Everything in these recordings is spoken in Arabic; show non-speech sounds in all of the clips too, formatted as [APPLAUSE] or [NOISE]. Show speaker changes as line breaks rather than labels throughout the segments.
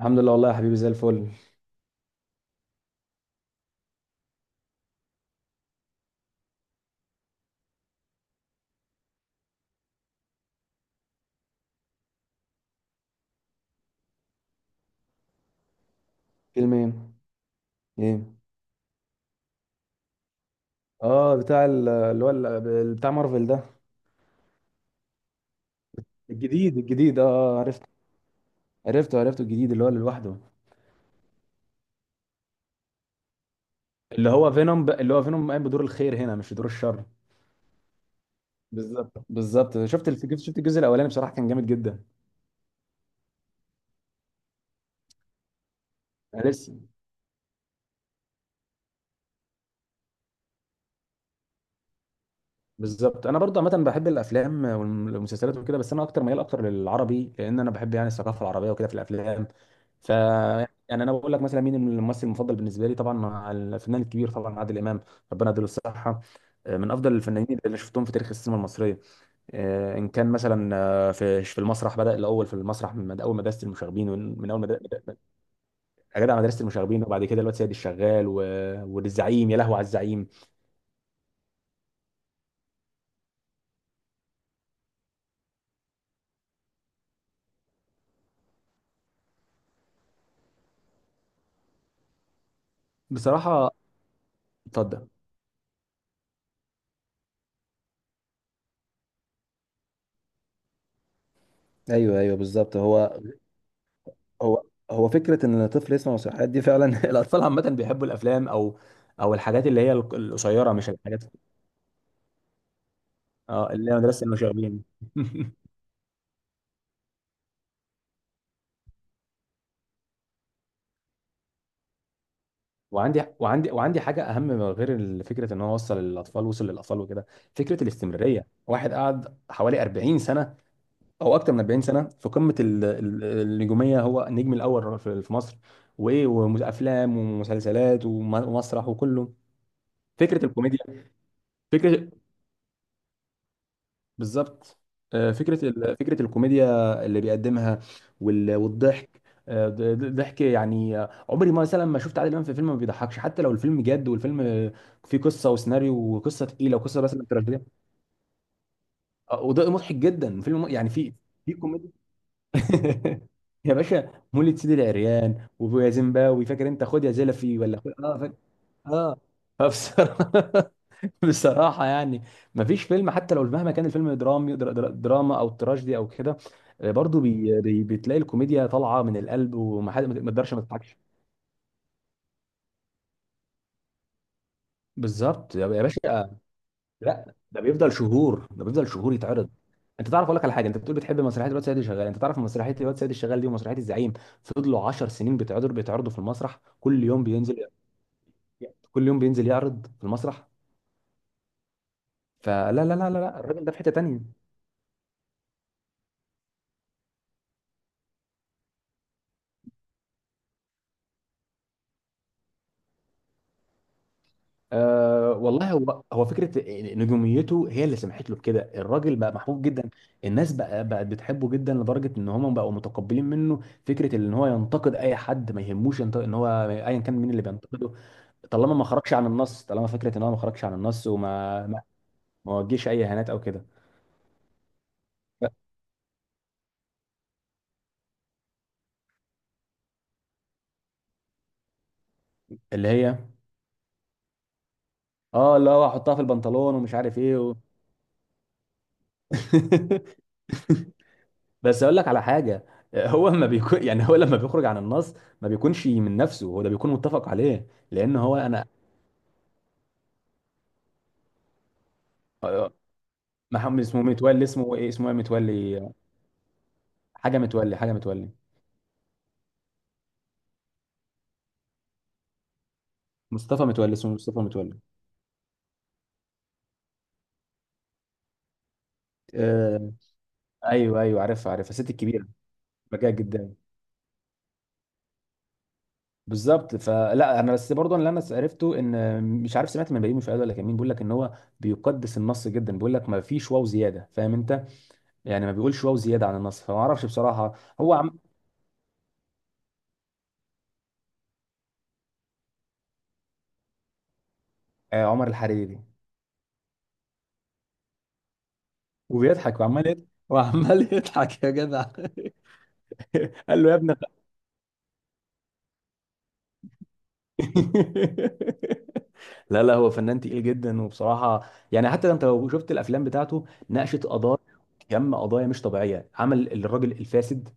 الحمد لله، والله يا حبيبي زي الفل. فيلم ايه؟ ايه؟ اه، بتاع بتاع مارفل ده. الجديد اه، عرفت. عرفته الجديد اللي هو اللي لوحده. اللي هو اللي هو فينوم قايم بدور الخير هنا، مش بدور الشر. بالظبط، شفت الجزء الاولاني، بصراحه كان جامد جدا. انا لسه. بالظبط. انا برضه عامه بحب الافلام والمسلسلات وكده، بس انا اكتر ميال اكتر للعربي، لان انا بحب يعني الثقافه العربيه وكده في الافلام. ف، يعني انا بقول لك مثلا مين الممثل المفضل بالنسبه لي، طبعا مع الفنان الكبير طبعا عادل امام، ربنا يديله الصحه. من افضل الفنانين اللي شفتهم في تاريخ السينما المصريه. ان كان مثلا في المسرح، بدا الاول في المسرح من اول مدرسه المشاغبين، من اول مدرسه جدع مدرسه المشاغبين، وبعد كده الواد سيد الشغال والزعيم. يا لهوي على الزعيم! بصراحه اتفضل. ايوه ايوه بالظبط. هو هو فكره ان الطفل يسمع نصيحات دي فعلا. [LAUGHS] الاطفال عامه بيحبوا الافلام او او الحاجات اللي هي القصيره، مش الحاجات. اه، اللي هي مدرسه المشاغبين. [LAUGHS] وعندي حاجه اهم من غير فكره ان هو وصل للاطفال، وصل للاطفال وكده. فكره الاستمراريه، واحد قعد حوالي 40 سنه او اكتر من 40 سنه في قمه النجوميه، هو النجم الاول في مصر. وايه، وافلام ومسلسلات ومسرح وكله. فكره الكوميديا، فكره، بالظبط. فكرة فكرة الكوميديا اللي بيقدمها والضحك. ضحك يعني. عمري ما مثلا ما شفت عادل إمام في فيلم ما بيضحكش، حتى لو الفيلم جد، والفيلم فيه قصة وسيناريو وقصة تقيلة وقصة مثلا تراجيدية. وده مضحك جدا. يعني في في كوميديا. [LAUGHS] يا باشا مولد سيدي العريان ويا زيمباوي، فاكر انت؟ خد يا زلفي ولا خد؟ اه، فاكر. اه، فبصراحة. [LAUGHS] [LAUGHS] بصراحة، يعني مفيش فيلم، حتى لو مهما كان الفيلم درامي، دراما او تراجيدي او كده، برضو بي بي بتلاقي الكوميديا طالعة من القلب، وما حد ما تقدرش ما تضحكش. بالظبط يا يا باشا. لا، ده بيفضل شهور، ده بيفضل شهور يتعرض. انت تعرف، اقول لك على حاجه، انت بتقول بتحب مسرحيه الواد سيد الشغال، انت تعرف مسرحيه الواد سيد الشغال دي ومسرحيه الزعيم فضلوا 10 سنين بيتعرضوا في المسرح؟ كل يوم بينزل، كل يوم بينزل يعرض في المسرح. فلا لا لا لا لا، الراجل ده في حته تانيه. أه والله، هو هو فكره نجوميته هي اللي سمحت له بكده. الراجل بقى محبوب جدا، الناس بقى بقت بتحبه جدا، لدرجه ان هم بقوا متقبلين منه فكره ان هو ينتقد اي حد، ما يهموش ينتقد ان هو ايا كان مين اللي بينتقده، طالما ما خرجش عن النص. طالما فكره ان هو ما خرجش عن النص، وما ما ما وجهش اي اهانات او كده. اللي هي، اه اللي هو احطها في البنطلون ومش عارف ايه [LAUGHS] بس اقول لك على حاجه، هو ما بيكون [LAUGHS] يعني هو لما بيخرج عن النص ما بيكونش من نفسه هو، ده بيكون متفق عليه، لان هو انا. محمد اسمه، متولي اسمه، ايه اسمه ايه؟ متولي حاجه، متولي حاجه، متولي مصطفى متولي، اسمه مصطفى متولي. آه، ايوه ايوه، عارفها عارفها، الست الكبيره، بجاء جدا. بالظبط، فلا انا بس برضه اللي انا عرفته، ان مش عارف سمعت من بيومي، مش ولا كان مين، بيقول لك ان هو بيقدس النص جدا، بيقول لك ما فيش واو زياده، فاهم انت؟ يعني ما بيقولش واو زياده عن النص، فما اعرفش بصراحه. هو عم... آه، عمر الحريري. وبيضحك، وعمال يضحك وعمال يضحك يا جدع. [LAUGHS] قال له يا ابني [LAUGHS] لا لا، هو فنان تقيل جدا، وبصراحة يعني حتى انت لو شفت الافلام بتاعته ناقشت قضايا، كم قضايا مش طبيعية. عمل الراجل الفاسد،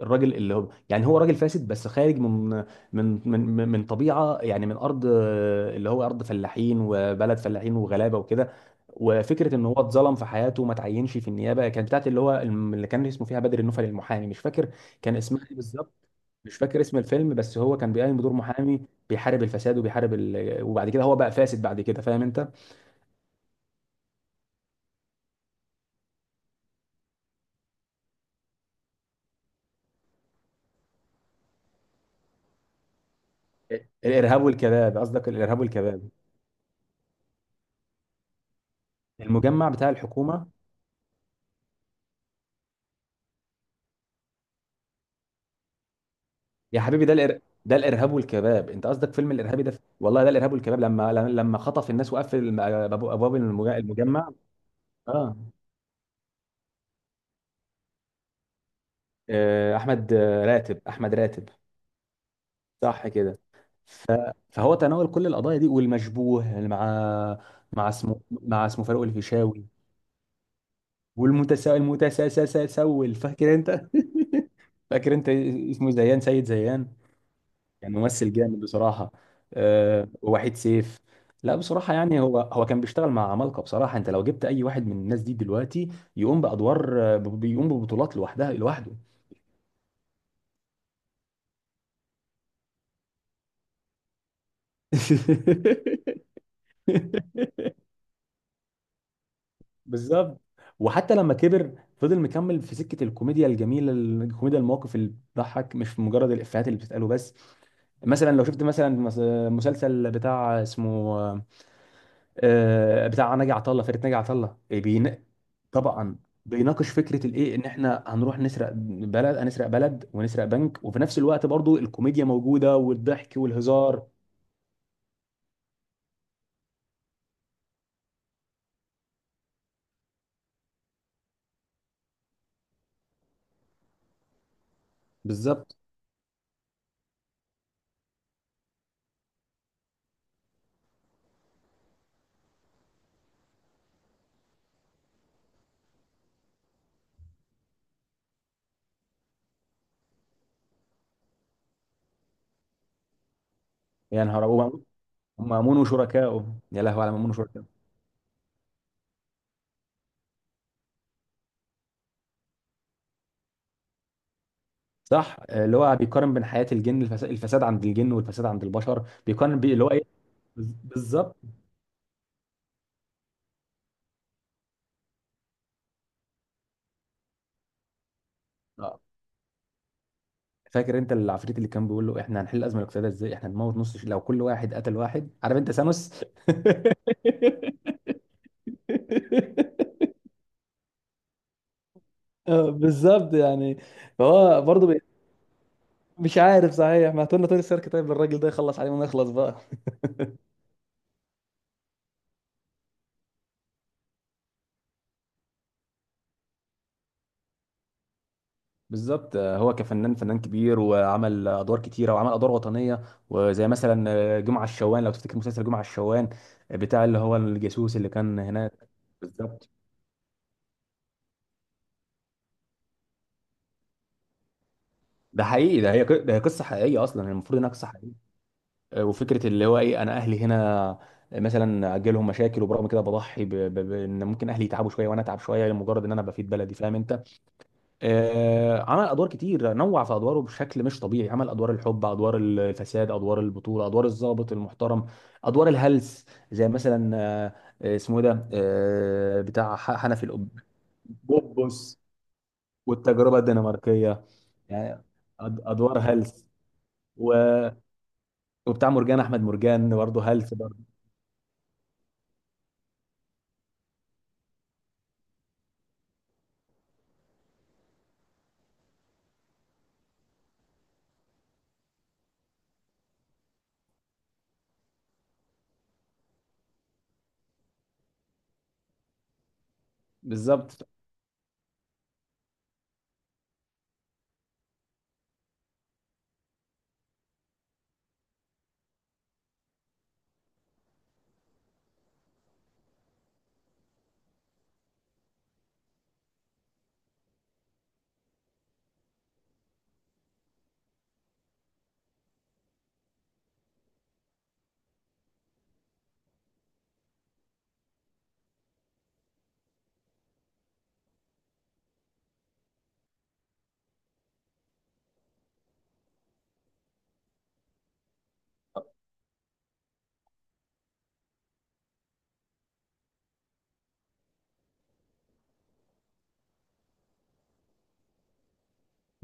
الراجل اللي هو، يعني هو راجل فاسد بس خارج من من طبيعه يعني، من ارض اللي هو ارض فلاحين وبلد فلاحين وغلابه وكده، وفكره ان هو اتظلم في حياته وما تعينش في النيابه، كانت بتاعت اللي هو اللي كان اسمه فيها بدر النفل المحامي، مش فاكر كان اسمها ايه بالظبط، مش فاكر اسم الفيلم، بس هو كان بيقايم بدور محامي بيحارب الفساد وبيحارب وبعد كده هو بقى فاسد بعد كده، فاهم انت؟ الارهاب والكباب، قصدك الارهاب والكباب. المجمع بتاع الحكومه. يا حبيبي، ده الارهاب والكباب، انت قصدك فيلم الارهابي ده، والله ده الارهاب والكباب، لما لما خطف الناس وقفل ابواب المجمع. اه، احمد راتب، احمد راتب. صح كده. فهو تناول كل القضايا دي، والمشبوه مع مع اسمه فاروق الفيشاوي. والمتساءل، المتساءل، فاكر انت؟ [LAUGHS] فاكر انت اسمه؟ زيان، سيد زيان، كان ممثل جامد بصراحة. أه، ووحيد سيف. لا بصراحة يعني هو، هو كان بيشتغل مع عمالقة بصراحة. انت لو جبت اي واحد من الناس دي دلوقتي يقوم بأدوار بيقوم ببطولات لوحده. [LAUGHS] بالظبط. وحتى لما كبر فضل مكمل في سكة الكوميديا الجميلة، الكوميديا، المواقف اللي بتضحك، مش مجرد الإفيهات اللي بتتقاله بس. مثلا لو شفت مثلا مسلسل بتاع اسمه آه، بتاع ناجي عطا الله، فرقه ناجي عطا الله. طبعا، بيناقش فكره الايه، ان احنا هنروح نسرق بلد، هنسرق بلد ونسرق بنك، وفي نفس الوقت برضو الكوميديا موجوده والضحك والهزار. بالظبط. يا نهار أبيض. مأمون وشركائه، يا لهوي على مأمون وشركائه. صح، اللي هو بيقارن بين حياة الجن، الفساد عند الجن والفساد عند البشر، بيقارن بي اللي هو ايه. بالظبط. آه. فاكر انت العفريت اللي كان بيقول له احنا هنحل الازمه الاقتصاديه ازاي؟ احنا هنموت نص لو كل واحد قتل واحد، عارف انت ثانوس؟ [LAUGHS] بالظبط يعني. فهو برضه مش عارف، صحيح، ما تقولنا توني ستارك طيب الراجل ده يخلص عليه ونخلص بقى. بالظبط. هو كفنان فنان كبير، وعمل ادوار كتيره، وعمل ادوار وطنيه، وزي مثلا جمعه الشوان، لو تفتكر مسلسل جمعه الشوان، بتاع اللي هو الجاسوس اللي كان هناك. بالظبط، ده حقيقي، ده هي قصه حقيقيه، اصلا المفروض انها قصه حقيقيه. وفكره اللي هو ايه، انا اهلي هنا، مثلا اجي لهم مشاكل وبرغم كده بضحي بان ممكن اهلي يتعبوا شويه وانا اتعب شويه، لمجرد ان انا بفيد بلدي، فاهم انت؟ عمل ادوار كتير، نوع في ادواره بشكل مش طبيعي، عمل ادوار الحب، ادوار الفساد، ادوار البطوله، ادوار الضابط المحترم، ادوار الهلس، زي مثلا اسمه ايه ده بتاع حنفي بوبوس والتجربه الدنماركيه يعني. ادوار هلس، و- وبتاع مرجان، احمد مرجان برضه هلس برضه. بالظبط.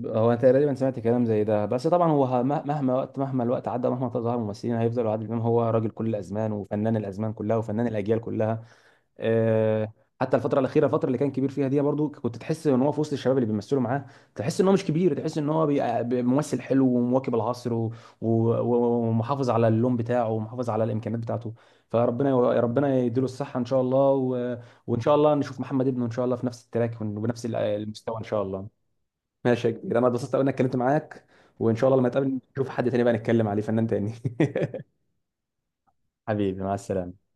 هو انا تقريبا سمعت كلام زي ده، بس طبعا هو، مهما وقت، مهما الوقت عدى، مهما ظهر ممثلين، هيفضلوا عادل امام هو راجل كل الازمان وفنان الازمان كلها وفنان الاجيال كلها. آه، حتى الفتره الاخيره، الفتره اللي كان كبير فيها دي، برضو كنت تحس ان هو في وسط الشباب اللي بيمثلوا معاه، تحس ان هو مش كبير، تحس ان هو ممثل حلو ومواكب العصر ومحافظ على اللون بتاعه ومحافظ على الامكانيات بتاعته. فربنا، يا ربنا يديله الصحه ان شاء الله، وان شاء الله نشوف محمد ابنه ان شاء الله في نفس التراك وبنفس المستوى ان شاء الله. ماشي يا كبير، انا اتبسطت قوي اني اتكلمت معاك، وان شاء الله لما نتقابل نشوف حد تاني بقى نتكلم عليه، فنان تاني. [LAUGHS] حبيبي، مع السلامة.